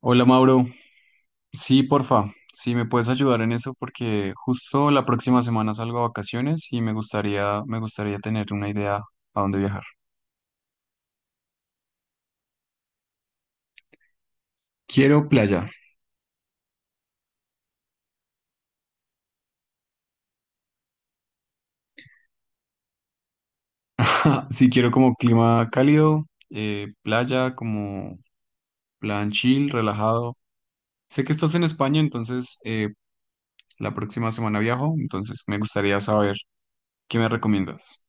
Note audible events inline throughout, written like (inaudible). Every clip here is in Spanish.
Hola Mauro, sí, porfa, si me puedes ayudar en eso porque justo la próxima semana salgo a vacaciones y me gustaría tener una idea a dónde viajar. Quiero playa, (laughs) sí quiero como clima cálido, playa, como plan chill, relajado. Sé que estás en España, entonces la próxima semana viajo, entonces me gustaría saber qué me recomiendas.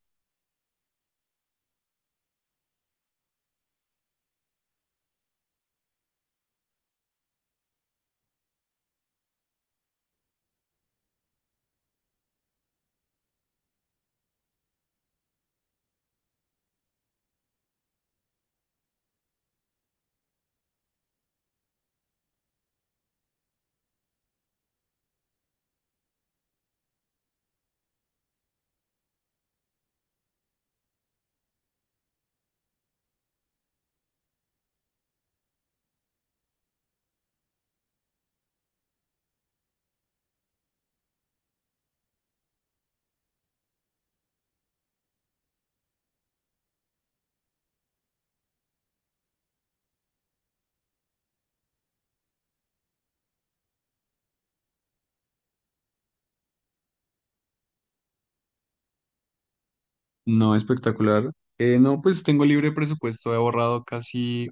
No, espectacular. No, pues tengo libre presupuesto, he ahorrado casi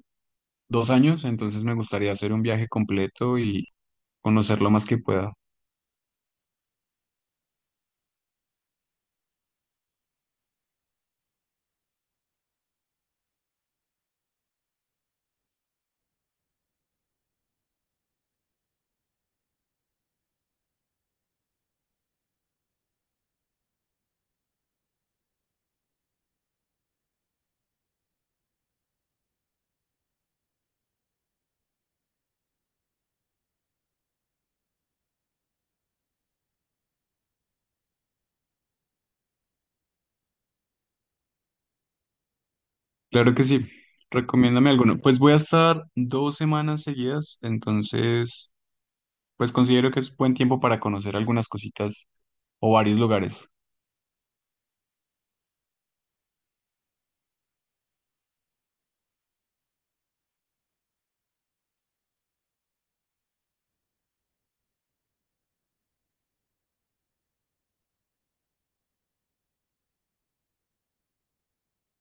2 años, entonces me gustaría hacer un viaje completo y conocer lo más que pueda. Claro que sí, recomiéndame alguno. Pues voy a estar 2 semanas seguidas, entonces pues considero que es buen tiempo para conocer algunas cositas o varios lugares.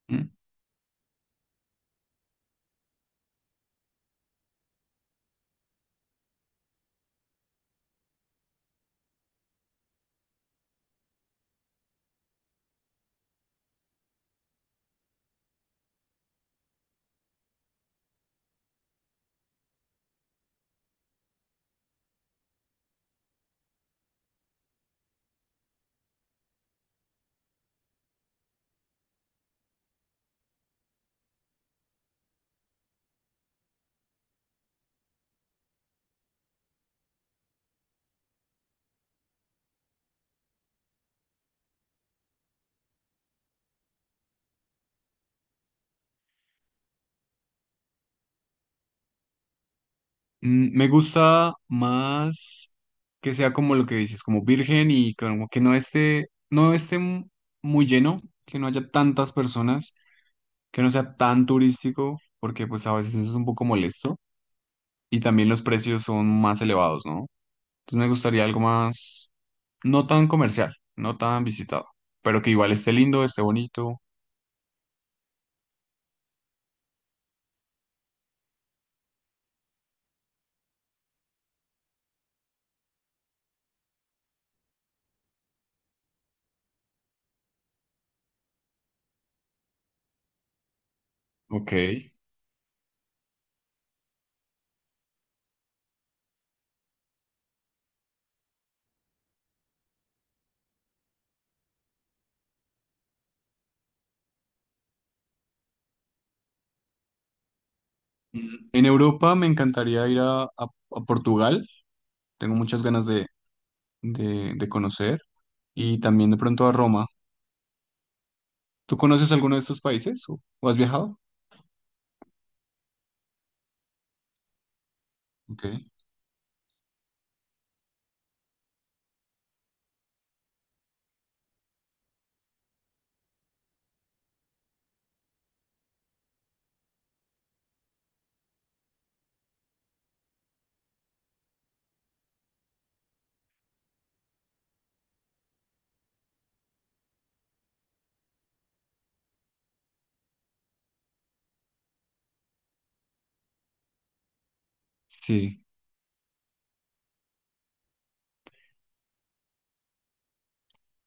¿Mm? Mm, me gusta más que sea como lo que dices, como virgen y como que no esté, muy lleno, que no haya tantas personas, que no sea tan turístico, porque pues a veces eso es un poco molesto. Y también los precios son más elevados, ¿no? Entonces me gustaría algo más, no tan comercial, no tan visitado, pero que igual esté lindo, esté bonito. Ok. Mm, en Europa me encantaría ir a, a Portugal, tengo muchas ganas de, de conocer, y también de pronto a Roma. ¿Tú conoces alguno de estos países o has viajado? Ok. Sí.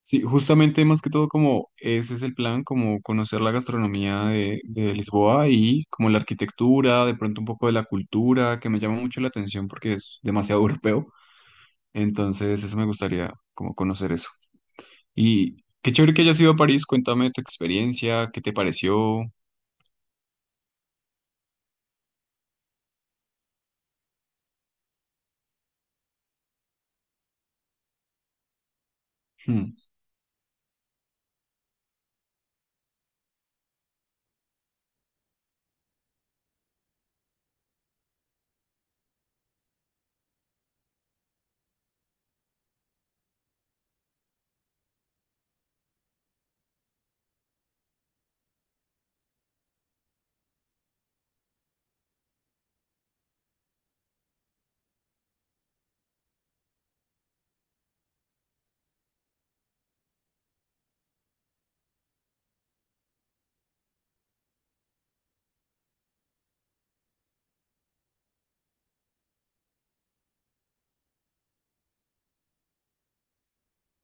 Sí, justamente más que todo como ese es el plan, como conocer la gastronomía de Lisboa y como la arquitectura, de pronto un poco de la cultura, que me llama mucho la atención porque es demasiado (laughs) europeo. Entonces, eso me gustaría como conocer eso. Y qué chévere que hayas ido a París, cuéntame tu experiencia, qué te pareció. Hmm.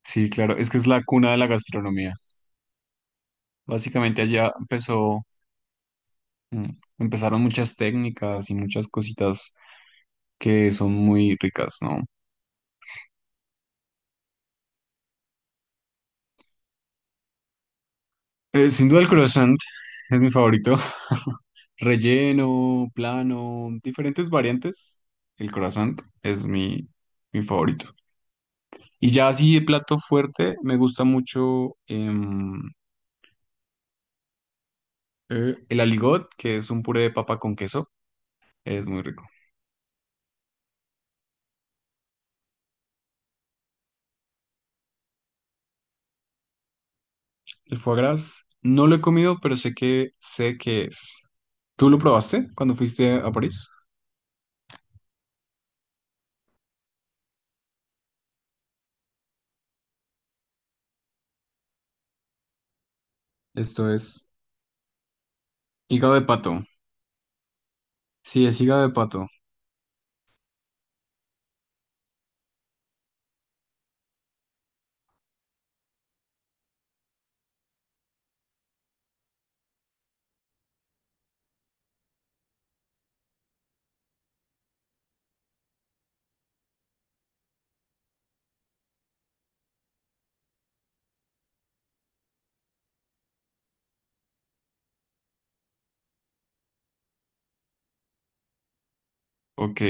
Sí, claro, es que es la cuna de la gastronomía. Básicamente allá empezó, mm, empezaron muchas técnicas y muchas cositas que son muy ricas, ¿no? Sin duda el croissant es mi favorito. (laughs) Relleno, plano, diferentes variantes. El croissant es mi, mi favorito. Y ya así de plato fuerte, me gusta mucho el aligot, que es un puré de papa con queso. Es muy rico. El foie gras, no lo he comido, pero sé que es. ¿Tú lo probaste cuando fuiste a París? Esto es hígado de pato. Sí, es hígado de pato. Ok.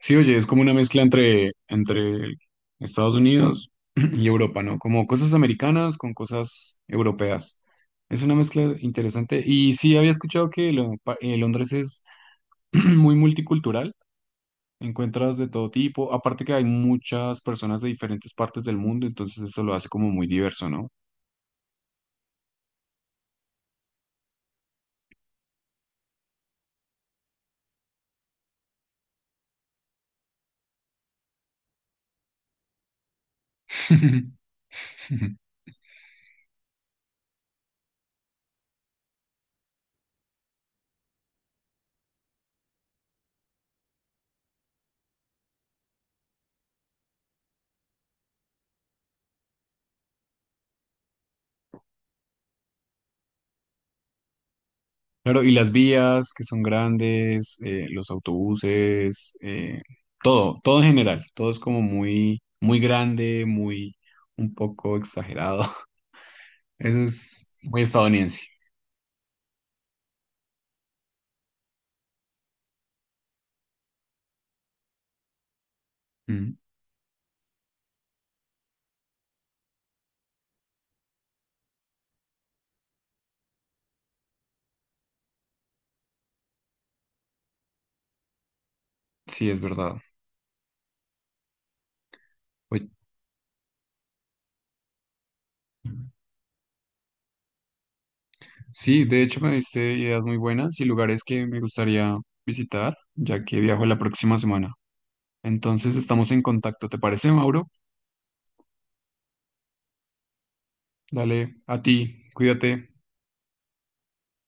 Sí, oye, es como una mezcla entre, entre Estados Unidos (clears throat) y Europa, ¿no? Como cosas americanas con cosas europeas. Es una mezcla interesante. Y sí, había escuchado que Londres es (clears throat) muy multicultural. Encuentras de todo tipo. Aparte que hay muchas personas de diferentes partes del mundo, entonces eso lo hace como muy diverso, ¿no? (laughs) Claro, y las vías que son grandes, los autobuses, todo, todo en general, todo es como muy, muy grande, muy, un poco exagerado. (laughs) Eso es muy estadounidense. Mm, sí, es verdad. Oye, sí, de hecho me diste ideas muy buenas y lugares que me gustaría visitar, ya que viajo la próxima semana. Entonces estamos en contacto, ¿te parece, Mauro? Dale, a ti, cuídate.